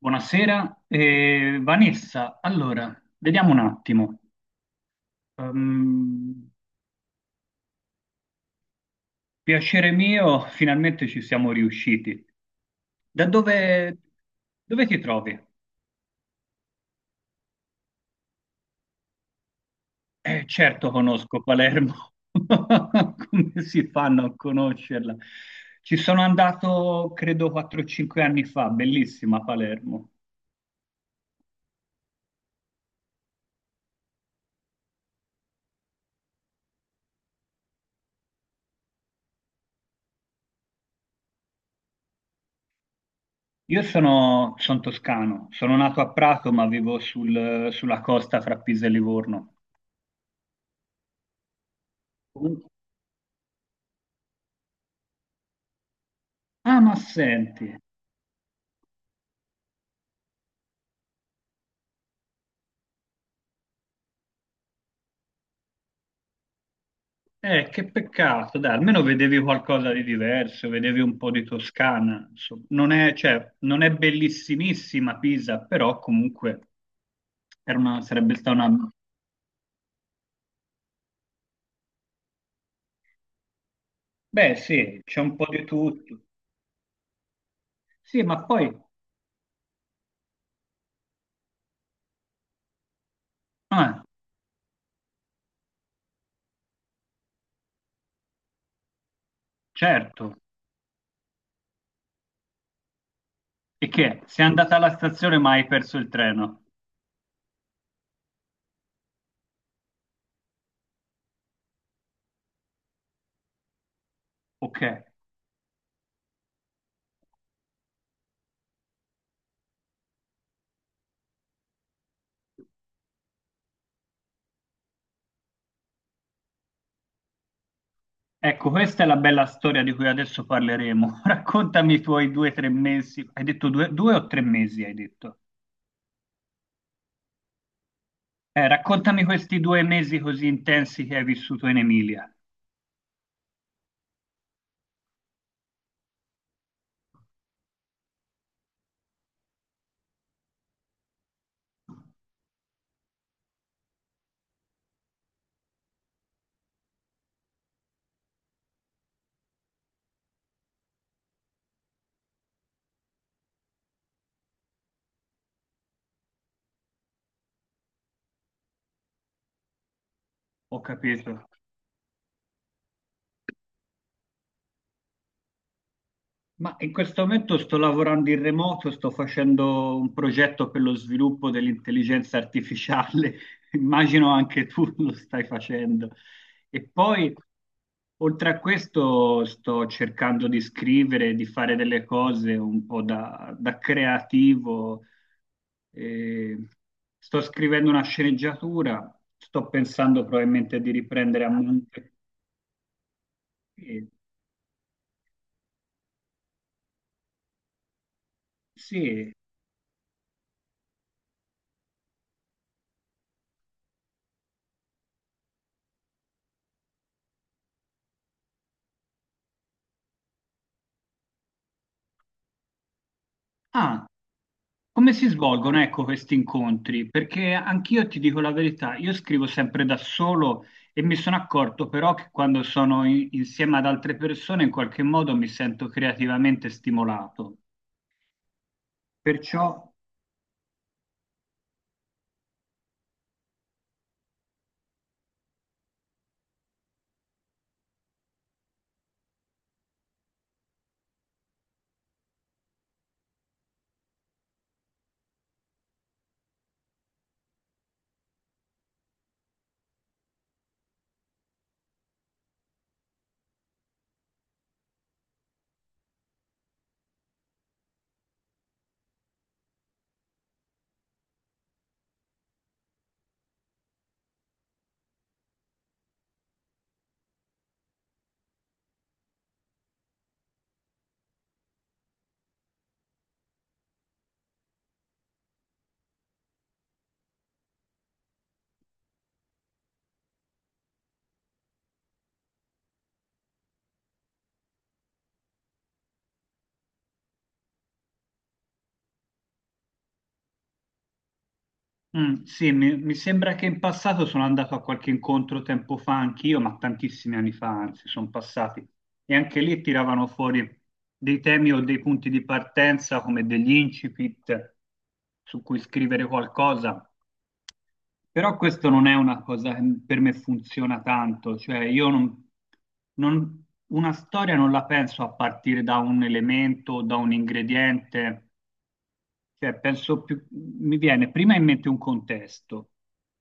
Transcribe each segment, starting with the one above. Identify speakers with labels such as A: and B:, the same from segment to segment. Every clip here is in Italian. A: Buonasera, Vanessa. Allora, vediamo un attimo. Ehm, Piacere mio, finalmente ci siamo riusciti. Da dove, Dove ti trovi? Certo conosco Palermo, come si fanno a conoscerla? Ci sono andato, credo, 4-5 anni fa, bellissima Palermo. Io sono, son toscano, sono nato a Prato, ma vivo sulla costa fra Pisa e Livorno. Ah, ma senti, che peccato, dai, almeno vedevi qualcosa di diverso, vedevi un po' di Toscana, insomma. Non è, cioè, non è bellissimissima Pisa, però comunque sarebbe stata una. Beh, sì, c'è un po' di tutto. Sì, ma poi, ah, certo, e che? Sei andata alla stazione ma hai perso il treno. Ok, ecco, questa è la bella storia di cui adesso parleremo. Raccontami i tuoi 2 o 3 mesi, hai detto due o tre mesi, hai detto? Raccontami questi 2 mesi così intensi che hai vissuto in Emilia. Ho capito. Ma in questo momento sto lavorando in remoto, sto facendo un progetto per lo sviluppo dell'intelligenza artificiale, immagino anche tu lo stai facendo. E poi, oltre a questo, sto cercando di scrivere, di fare delle cose un po' da creativo. E sto scrivendo una sceneggiatura, sto pensando probabilmente di riprendere a monte. e- Sì. Ah, come si svolgono, ecco, questi incontri? Perché anch'io ti dico la verità, io scrivo sempre da solo e mi sono accorto però che quando sono insieme ad altre persone in qualche modo mi sento creativamente stimolato. Perciò, sì, mi sembra che in passato sono andato a qualche incontro tempo fa anch'io, ma tantissimi anni fa, anzi, sono passati. E anche lì tiravano fuori dei temi o dei punti di partenza come degli incipit su cui scrivere qualcosa. Però questo non è una cosa che per me funziona tanto, cioè io non, una storia non la penso a partire da un elemento, o da un ingrediente, cioè penso più, mi viene prima in mente un contesto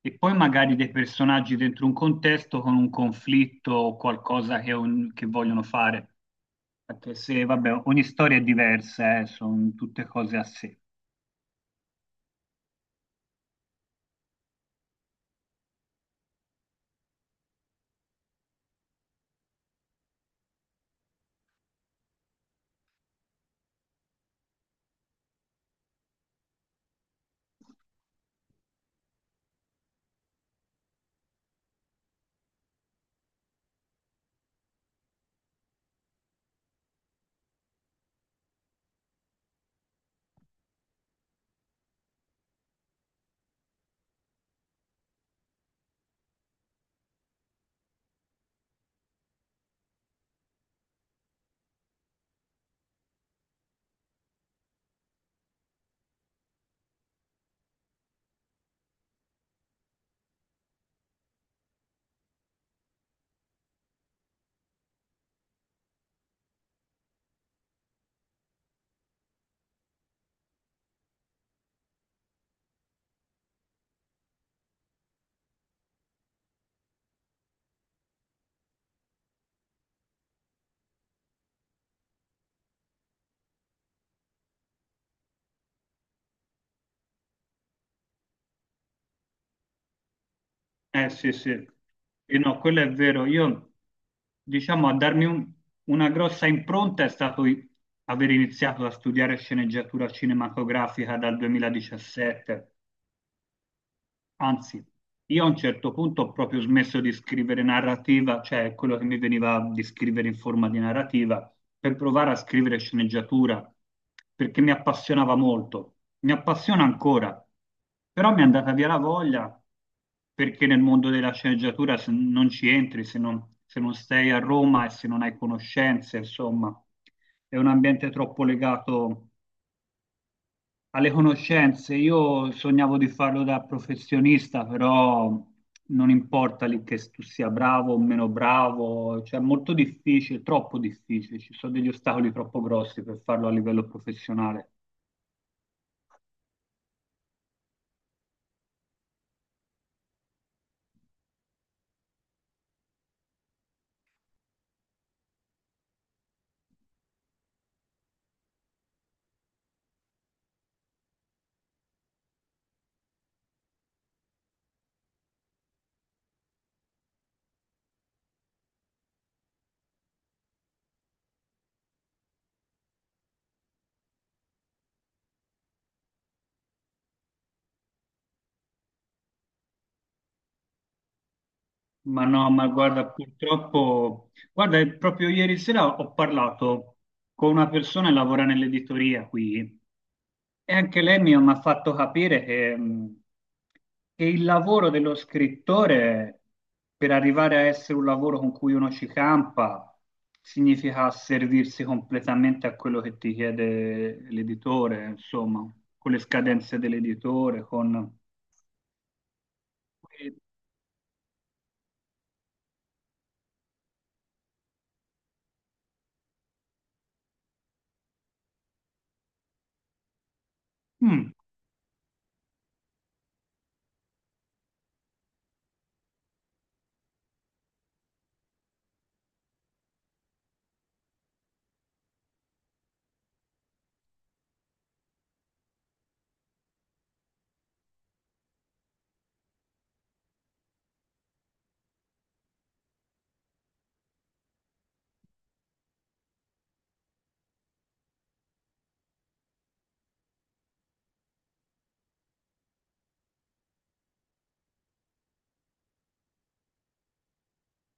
A: e poi magari dei personaggi dentro un contesto con un conflitto o qualcosa che, che vogliono fare. Perché se, vabbè, ogni storia è diversa, sono tutte cose a sé. Eh sì, sì. E no, quello è vero. Io, diciamo, a darmi una grossa impronta è stato aver iniziato a studiare sceneggiatura cinematografica dal 2017. Anzi, io a un certo punto ho proprio smesso di scrivere narrativa, cioè quello che mi veniva di scrivere in forma di narrativa, per provare a scrivere sceneggiatura, perché mi appassionava molto, mi appassiona ancora, però mi è andata via la voglia perché nel mondo della sceneggiatura se non ci entri, se non, se non stai a Roma e se non hai conoscenze, insomma, è un ambiente troppo legato alle conoscenze, io sognavo di farlo da professionista, però non importa lì che tu sia bravo o meno bravo, cioè è molto difficile, troppo difficile, ci sono degli ostacoli troppo grossi per farlo a livello professionale. Ma no, ma guarda, purtroppo, guarda, proprio ieri sera ho parlato con una persona che lavora nell'editoria qui. E anche lei mi ha fatto capire che il lavoro dello scrittore, per arrivare a essere un lavoro con cui uno ci campa, significa servirsi completamente a quello che ti chiede l'editore, insomma, con le scadenze dell'editore, con... E, mm,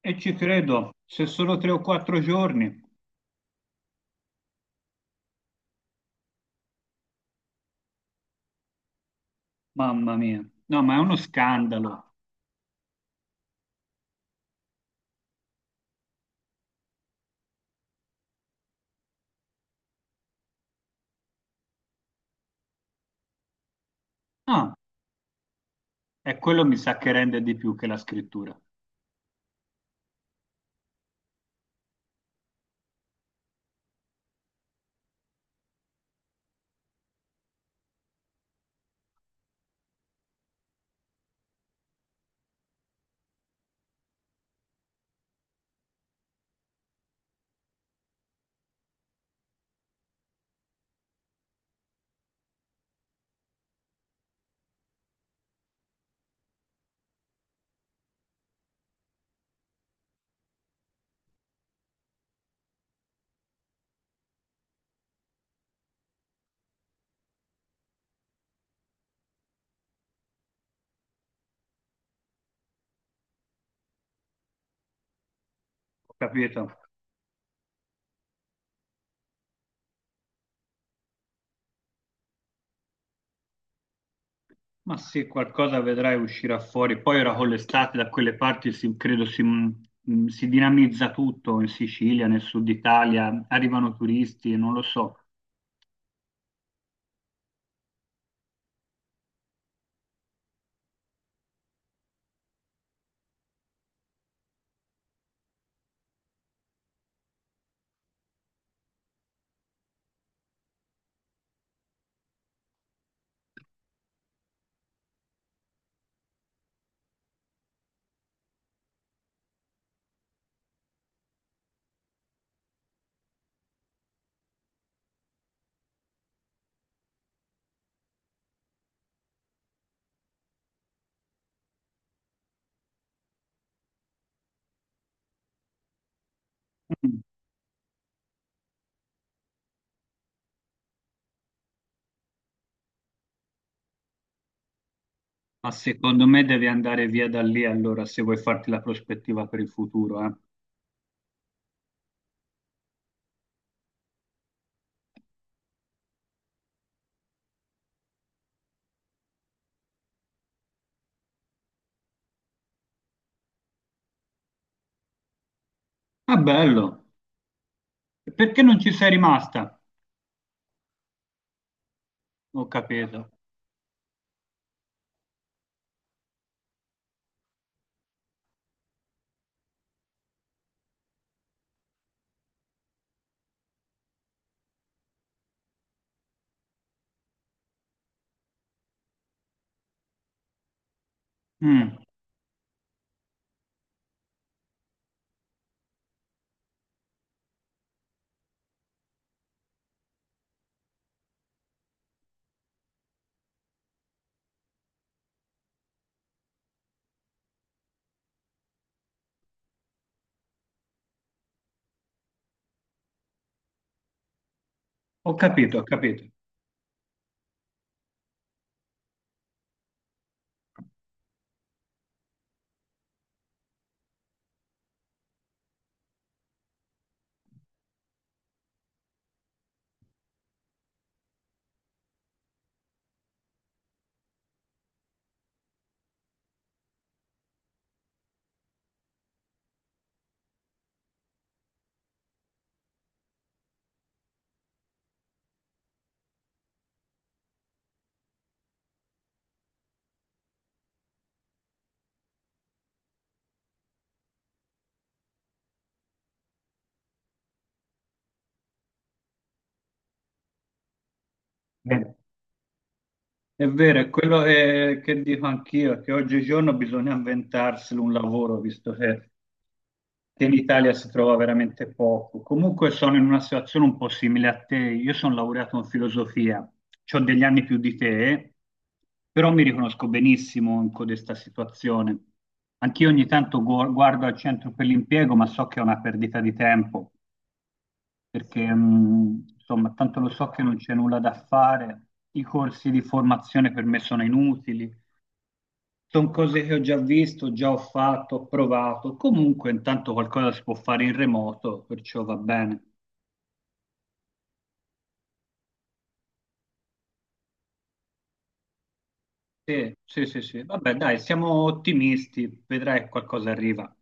A: e ci credo, se sono 3 o 4 giorni, mamma mia, no, ma è uno scandalo. Ah, è quello mi sa che rende di più che la scrittura, ho capito? Ma sì, qualcosa vedrai uscirà fuori. Poi ora con l'estate da quelle parti credo si dinamizza tutto in Sicilia, nel sud Italia, arrivano turisti, non lo so. Mm. Ma secondo me devi andare via da lì allora se vuoi farti la prospettiva per il futuro, eh. Ah, bello. E perché non ci sei rimasta? Ho capito. Mm. Ho capito, ho capito. Bene. È vero, è quello che dico anch'io, che oggigiorno bisogna inventarsi un lavoro, visto che in Italia si trova veramente poco. Comunque sono in una situazione un po' simile a te. Io sono laureato in filosofia, ho degli anni più di te, però mi riconosco benissimo in codesta situazione. Anch'io ogni tanto guardo al centro per l'impiego, ma so che è una perdita di tempo, perché insomma, tanto lo so che non c'è nulla da fare, i corsi di formazione per me sono inutili. Sono cose che ho già visto, già ho fatto, ho provato. Comunque, intanto qualcosa si può fare in remoto, perciò va bene. Sì, sì, sì, sì. Vabbè, dai, siamo ottimisti, vedrai che qualcosa arriva.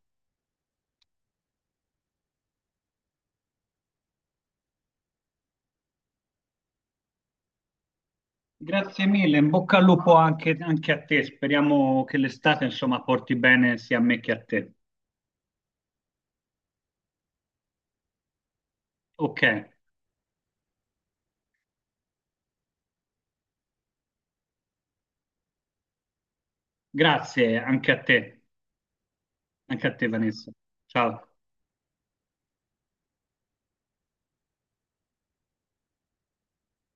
A: Grazie mille, in bocca al lupo anche, anche a te. Speriamo che l'estate, insomma, porti bene sia a me che a te. Ok, grazie anche a te, Vanessa. Ciao.